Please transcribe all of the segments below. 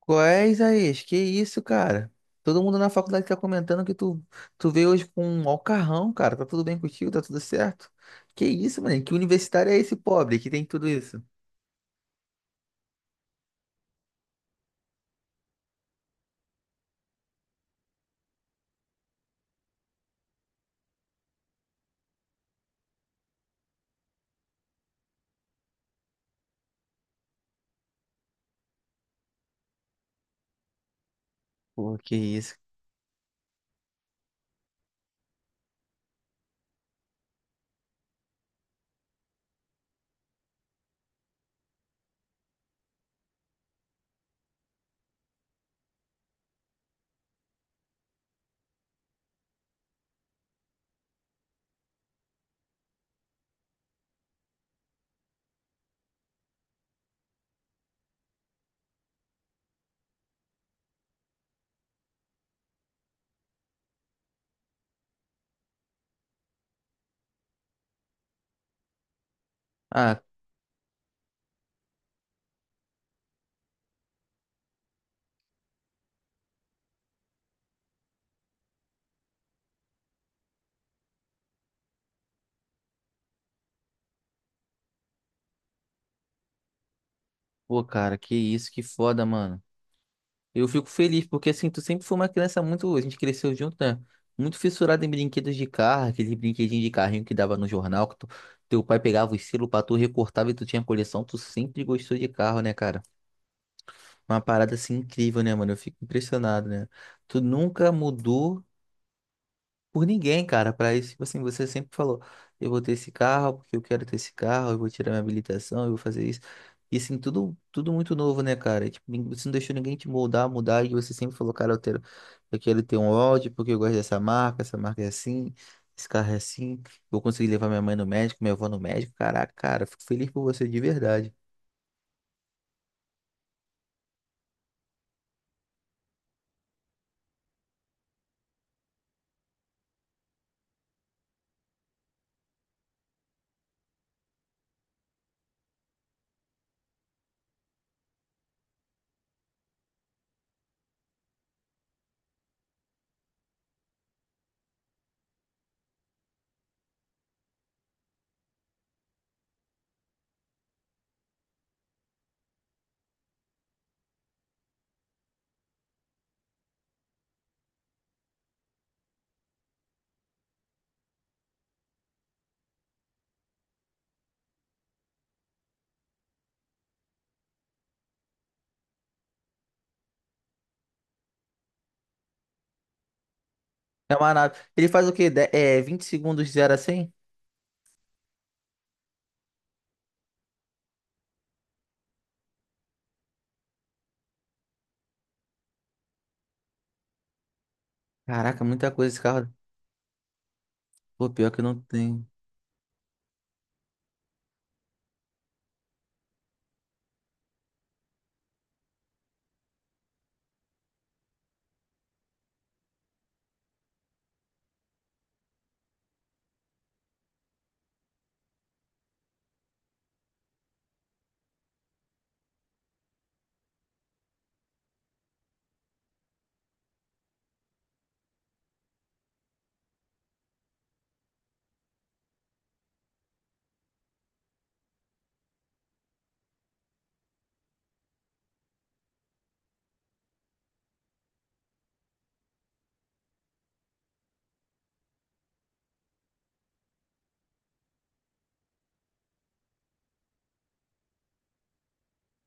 Qual é, Isaías? Que isso, cara? Todo mundo na faculdade tá comentando que tu veio hoje com um alcarrão, cara. Tá tudo bem contigo? Tá tudo certo? Que isso, mano? Que universitário é esse pobre que tem tudo isso? Pô, que isso. Ah, pô, cara, que isso, que foda, mano. Eu fico feliz, porque assim, tu sempre foi uma criança muito. A gente cresceu junto, né? Muito fissurada em brinquedos de carro, aquele brinquedinho de carrinho que dava no jornal, que teu pai pegava os selos pra tu recortava e tu tinha coleção. Tu sempre gostou de carro, né, cara? Uma parada assim incrível, né, mano? Eu fico impressionado, né? Tu nunca mudou por ninguém, cara. Pra isso, tipo assim, você sempre falou: eu vou ter esse carro porque eu quero ter esse carro, eu vou tirar minha habilitação, eu vou fazer isso. E assim, tudo muito novo, né, cara? E tipo, você não deixou ninguém te moldar, mudar. E você sempre falou: cara, eu quero ter um Audi porque eu gosto dessa marca, essa marca é assim, esse carro é assim. Vou conseguir levar minha mãe no médico, minha avó no médico. Caraca, cara, fico feliz por você de verdade. É uma nave. Ele faz o quê? 20 segundos de 0 a 100. Caraca, muita coisa esse carro. Pô, pior que não tem.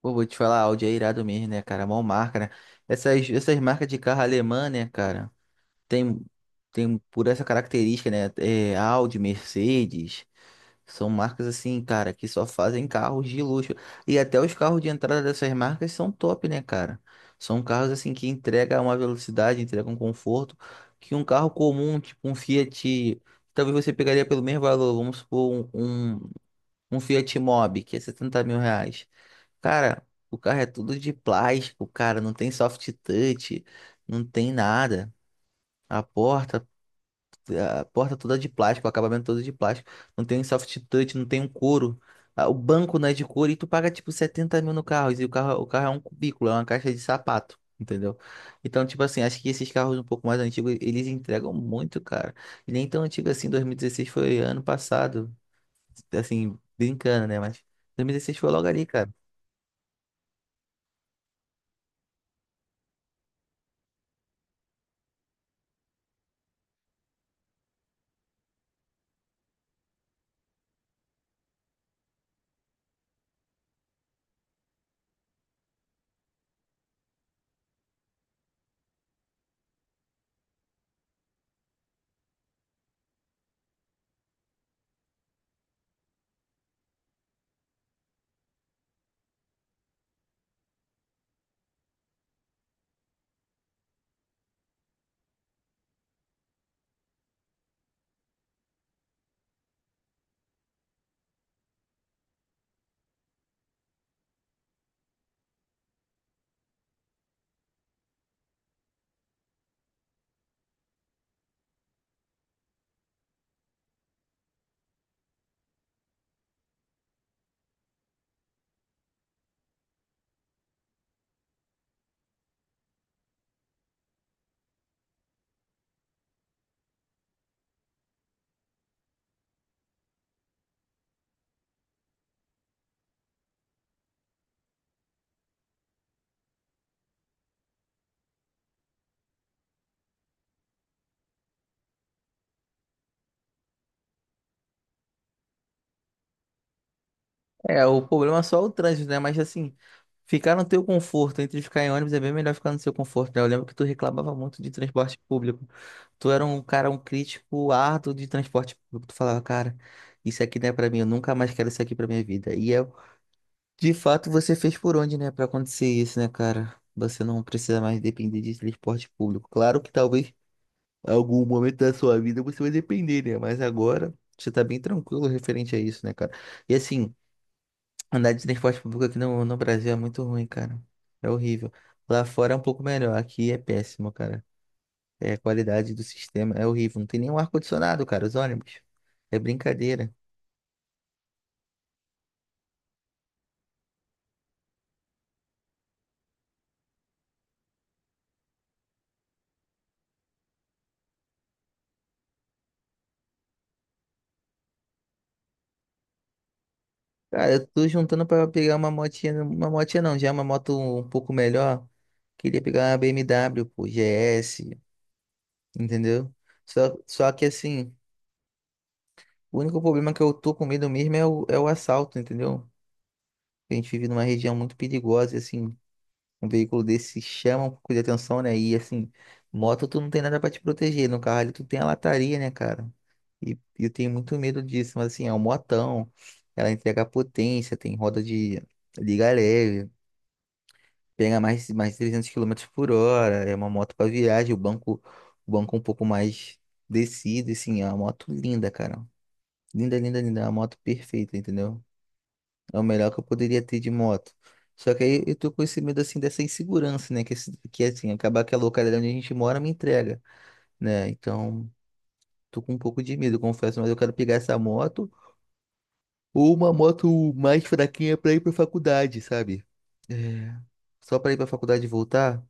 Pô, vou te falar, Audi é irado mesmo, né, cara? Mó marca, né? Essas marcas de carro alemã, né, cara? Tem, tem por essa característica, né? É, Audi, Mercedes. São marcas assim, cara, que só fazem carros de luxo. E até os carros de entrada dessas marcas são top, né, cara? São carros assim que entregam uma velocidade, entregam um conforto que um carro comum, tipo um Fiat, talvez você pegaria pelo mesmo valor, vamos supor, um Um Fiat Mobi, que é R$ 70.000. Cara, o carro é tudo de plástico, cara. Não tem soft touch, não tem nada. A porta, a porta toda de plástico, o acabamento todo de plástico. Não tem soft touch, não tem um couro. Ah, o banco não é de couro e tu paga tipo 70 mil no carro. E o carro é um cubículo, é uma caixa de sapato. Entendeu? Então, tipo assim, acho que esses carros um pouco mais antigos, eles entregam muito, cara. E nem tão antigo assim, 2016 foi ano passado assim, brincando, né? Mas 2016 foi logo ali, cara. É, o problema é só o trânsito, né? Mas assim, ficar no teu conforto, entre ficar em ônibus é bem melhor ficar no seu conforto, né? Eu lembro que tu reclamava muito de transporte público. Tu era um cara, um crítico árduo de transporte público. Tu falava, cara, isso aqui não é pra mim, eu nunca mais quero isso aqui pra minha vida. E é, de fato, você fez por onde, né, pra acontecer isso, né, cara? Você não precisa mais depender de transporte público. Claro que talvez algum momento da sua vida você vai depender, né? Mas agora você tá bem tranquilo referente a isso, né, cara? E assim, andar de transporte público aqui no Brasil é muito ruim, cara. É horrível. Lá fora é um pouco melhor, aqui é péssimo, cara. É, a qualidade do sistema é horrível. Não tem nenhum ar-condicionado, cara, os ônibus. É brincadeira. Cara, eu tô juntando pra pegar uma motinha não, já é uma moto um pouco melhor. Queria pegar uma BMW, pô, GS, entendeu? Só que assim, o único problema que eu tô com medo mesmo é o assalto, entendeu? A gente vive numa região muito perigosa e, assim, um veículo desse chama um pouco de atenção, né? E, assim, moto tu não tem nada pra te proteger. No carro ali tu tem a lataria, né, cara? E e eu tenho muito medo disso, mas, assim, é um motão. Ela entrega potência, tem roda de liga leve, pega mais de 300 km por hora. É uma moto pra viagem, o banco um pouco mais descido, assim, é uma moto linda, cara. Linda, linda, linda. É uma moto perfeita, entendeu? É o melhor que eu poderia ter de moto. Só que aí eu tô com esse medo, assim, dessa insegurança, né? Que que assim, acabar que a localidade onde a gente mora me entrega, né? Então, tô com um pouco de medo, confesso, mas eu quero pegar essa moto ou uma moto mais fraquinha pra ir pra faculdade, sabe? É, só pra ir pra faculdade e voltar.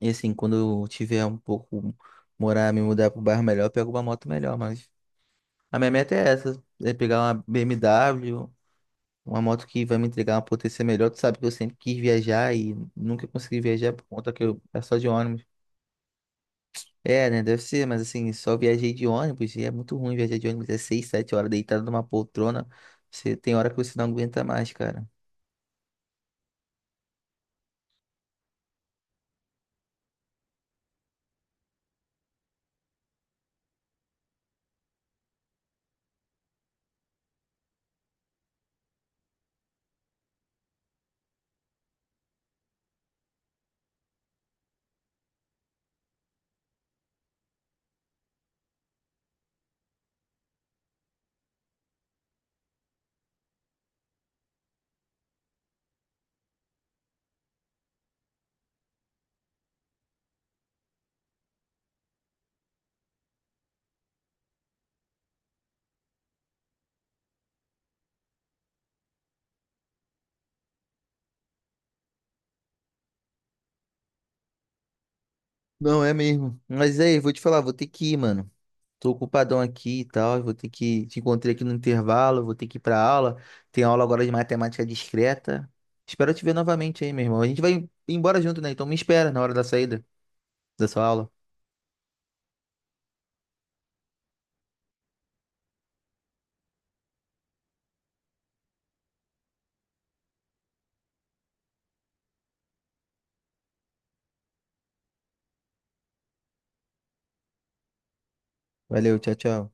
E assim, quando eu tiver um pouco, morar, me mudar pro bairro melhor, eu pego uma moto melhor, mas a minha meta é essa, é pegar uma BMW, uma moto que vai me entregar uma potência melhor. Tu sabe que eu sempre quis viajar e nunca consegui viajar por conta que eu é só de ônibus. É, né? Deve ser, mas assim, só viajei de ônibus e é muito ruim viajar de ônibus. É 6, 7 horas deitado numa poltrona. Você tem hora que você não aguenta mais, cara. Não, é mesmo. Mas aí, vou te falar, vou ter que ir, mano. Tô ocupadão aqui e tal, vou ter que te encontrei aqui no intervalo, vou ter que ir pra aula. Tem aula agora de matemática discreta. Espero te ver novamente aí, meu irmão. A gente vai embora junto, né? Então me espera na hora da saída da sua aula. Valeu, tchau, tchau.